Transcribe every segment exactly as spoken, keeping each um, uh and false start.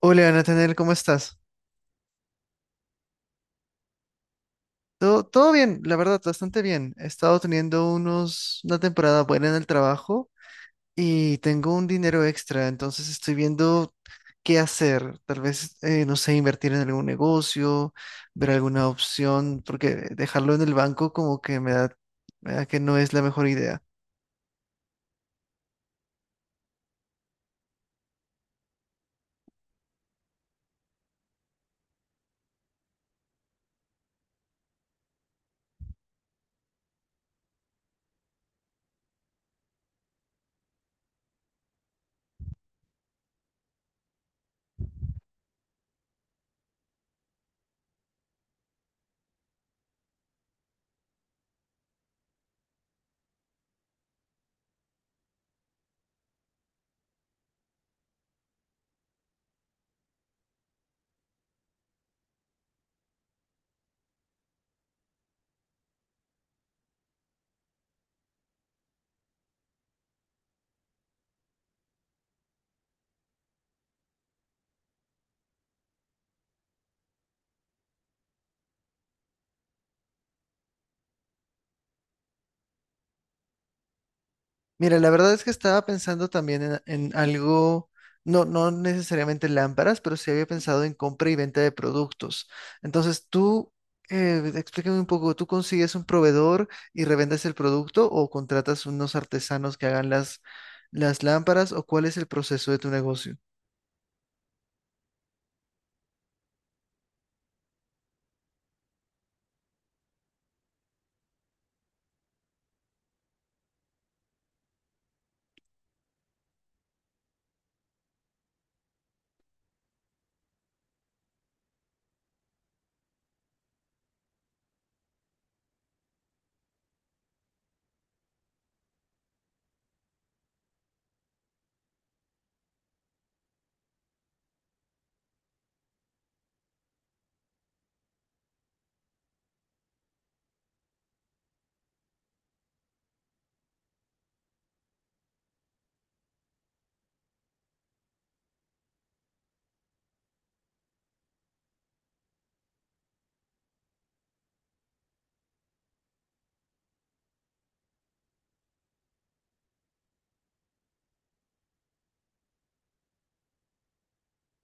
Hola, Nathaniel, ¿cómo estás? Todo, todo bien, la verdad, bastante bien. He estado teniendo unos, una temporada buena en el trabajo y tengo un dinero extra, entonces estoy viendo qué hacer. Tal vez, eh, no sé, invertir en algún negocio, ver alguna opción, porque dejarlo en el banco como que me da, me da que no es la mejor idea. Mira, la verdad es que estaba pensando también en, en algo, no, no necesariamente lámparas, pero sí había pensado en compra y venta de productos. Entonces, tú, eh, explícame un poco, ¿tú consigues un proveedor y revendes el producto o contratas unos artesanos que hagan las, las lámparas o cuál es el proceso de tu negocio?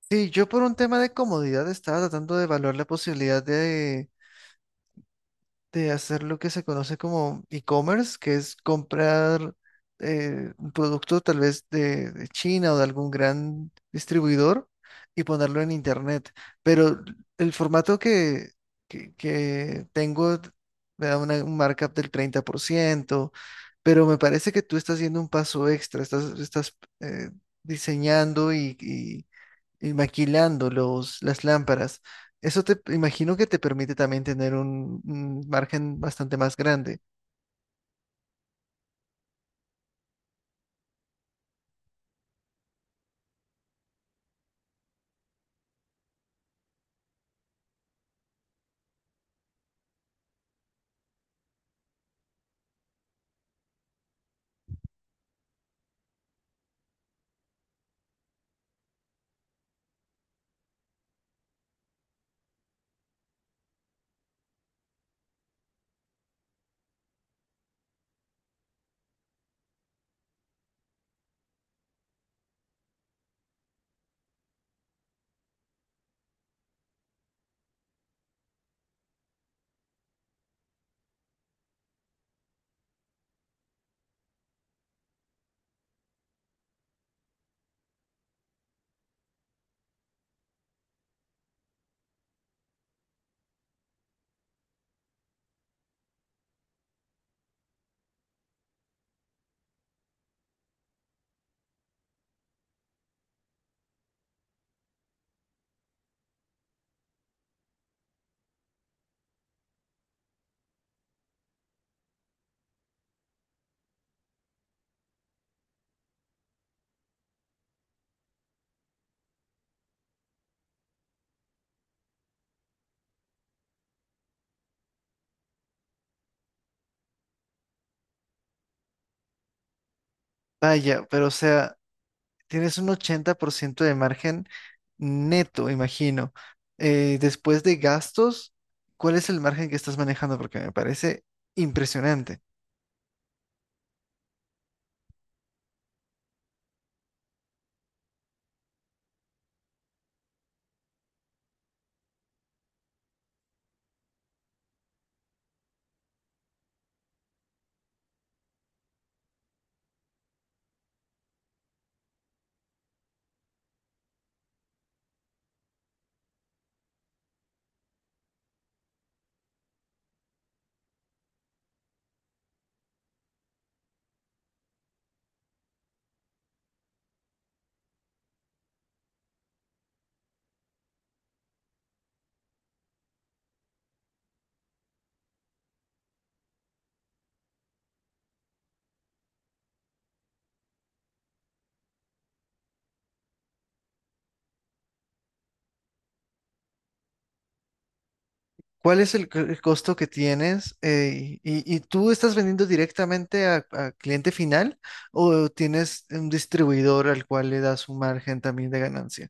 Sí, yo por un tema de comodidad estaba tratando de evaluar la posibilidad de hacer lo que se conoce como e-commerce, que es comprar eh, un producto tal vez de, de China o de algún gran distribuidor y ponerlo en internet. Pero el formato que, que, que tengo me da una- un markup del treinta por ciento, pero me parece que tú estás haciendo un paso extra, estás, estás eh, diseñando y, y maquilando los, las lámparas. Eso te imagino que te permite también tener un, un margen bastante más grande. Vaya, pero o sea, tienes un ochenta por ciento de margen neto, imagino. Eh, después de gastos, ¿cuál es el margen que estás manejando? Porque me parece impresionante. ¿Cuál es el, c- el costo que tienes? Eh, y, y tú estás vendiendo directamente a, a cliente final o tienes un distribuidor al cual le das un margen también de ganancia?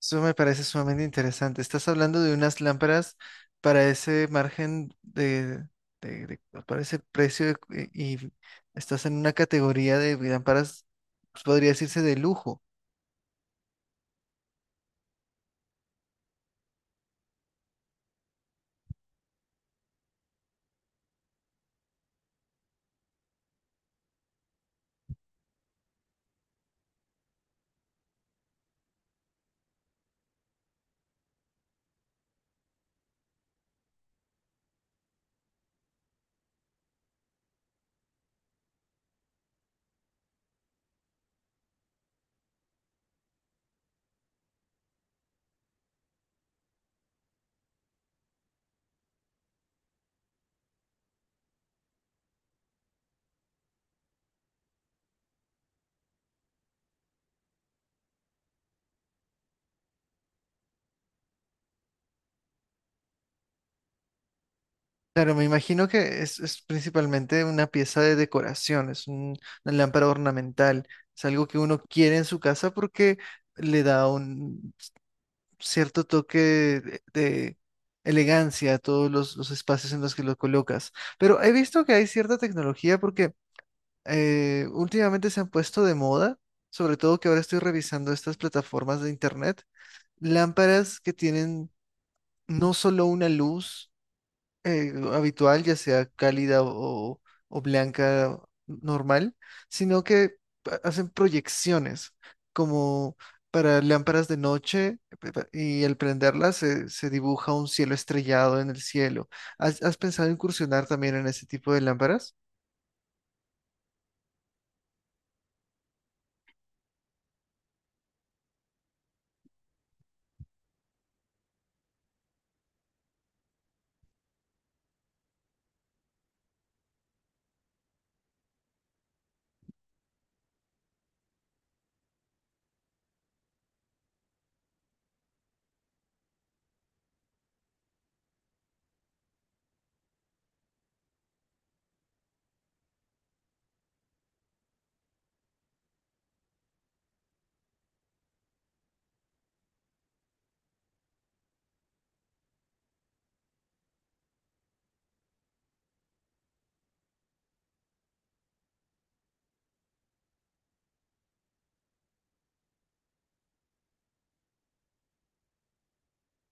Eso me parece sumamente interesante. Estás hablando de unas lámparas para ese margen de, de- de- pues, para ese precio de- eh, y estás en una categoría de lámparas, pues, podría decirse de lujo. Claro, me imagino que es, es principalmente una pieza de decoración, es un- una lámpara ornamental, es algo que uno quiere en su casa porque le da un, cierto toque de, de elegancia a todos los, los espacios en los que lo colocas. Pero he visto que hay cierta tecnología porque eh, últimamente se han puesto de moda, sobre todo que ahora estoy revisando estas plataformas de internet, lámparas que tienen no solo una luz, eh, habitual, ya sea cálida o, o blanca normal, sino que pa- hacen proyecciones como para lámparas de noche pe- pa- y al prenderlas se, se dibuja un cielo estrellado en el cielo. ¿Has, has pensado incursionar también en ese tipo de lámparas?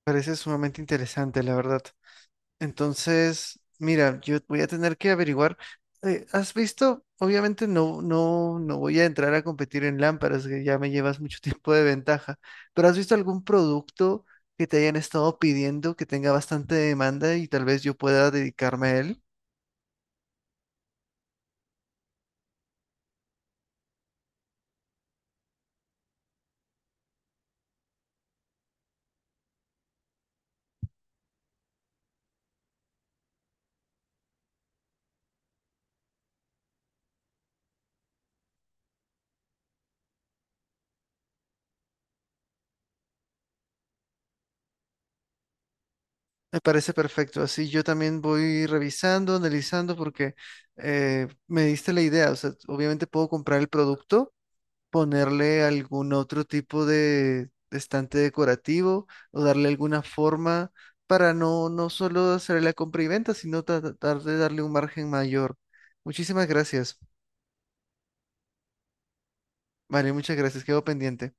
Parece sumamente interesante, la verdad. Entonces, mira, yo voy a tener que averiguar. Eh, ¿has visto? Obviamente no, no, no voy a entrar a competir en lámparas, que ya me llevas mucho tiempo de ventaja, pero ¿has visto algún producto que te hayan estado pidiendo que tenga bastante demanda y tal vez yo pueda dedicarme a él? Me parece perfecto. Así yo también voy revisando, analizando, porque eh, me diste la idea. O sea, obviamente puedo comprar el producto ponerle algún otro tipo de estante decorativo o darle alguna forma para no, no solo hacer la compra y venta, sino tratar de darle un margen mayor. Muchísimas gracias. Vale, muchas gracias. Quedo pendiente.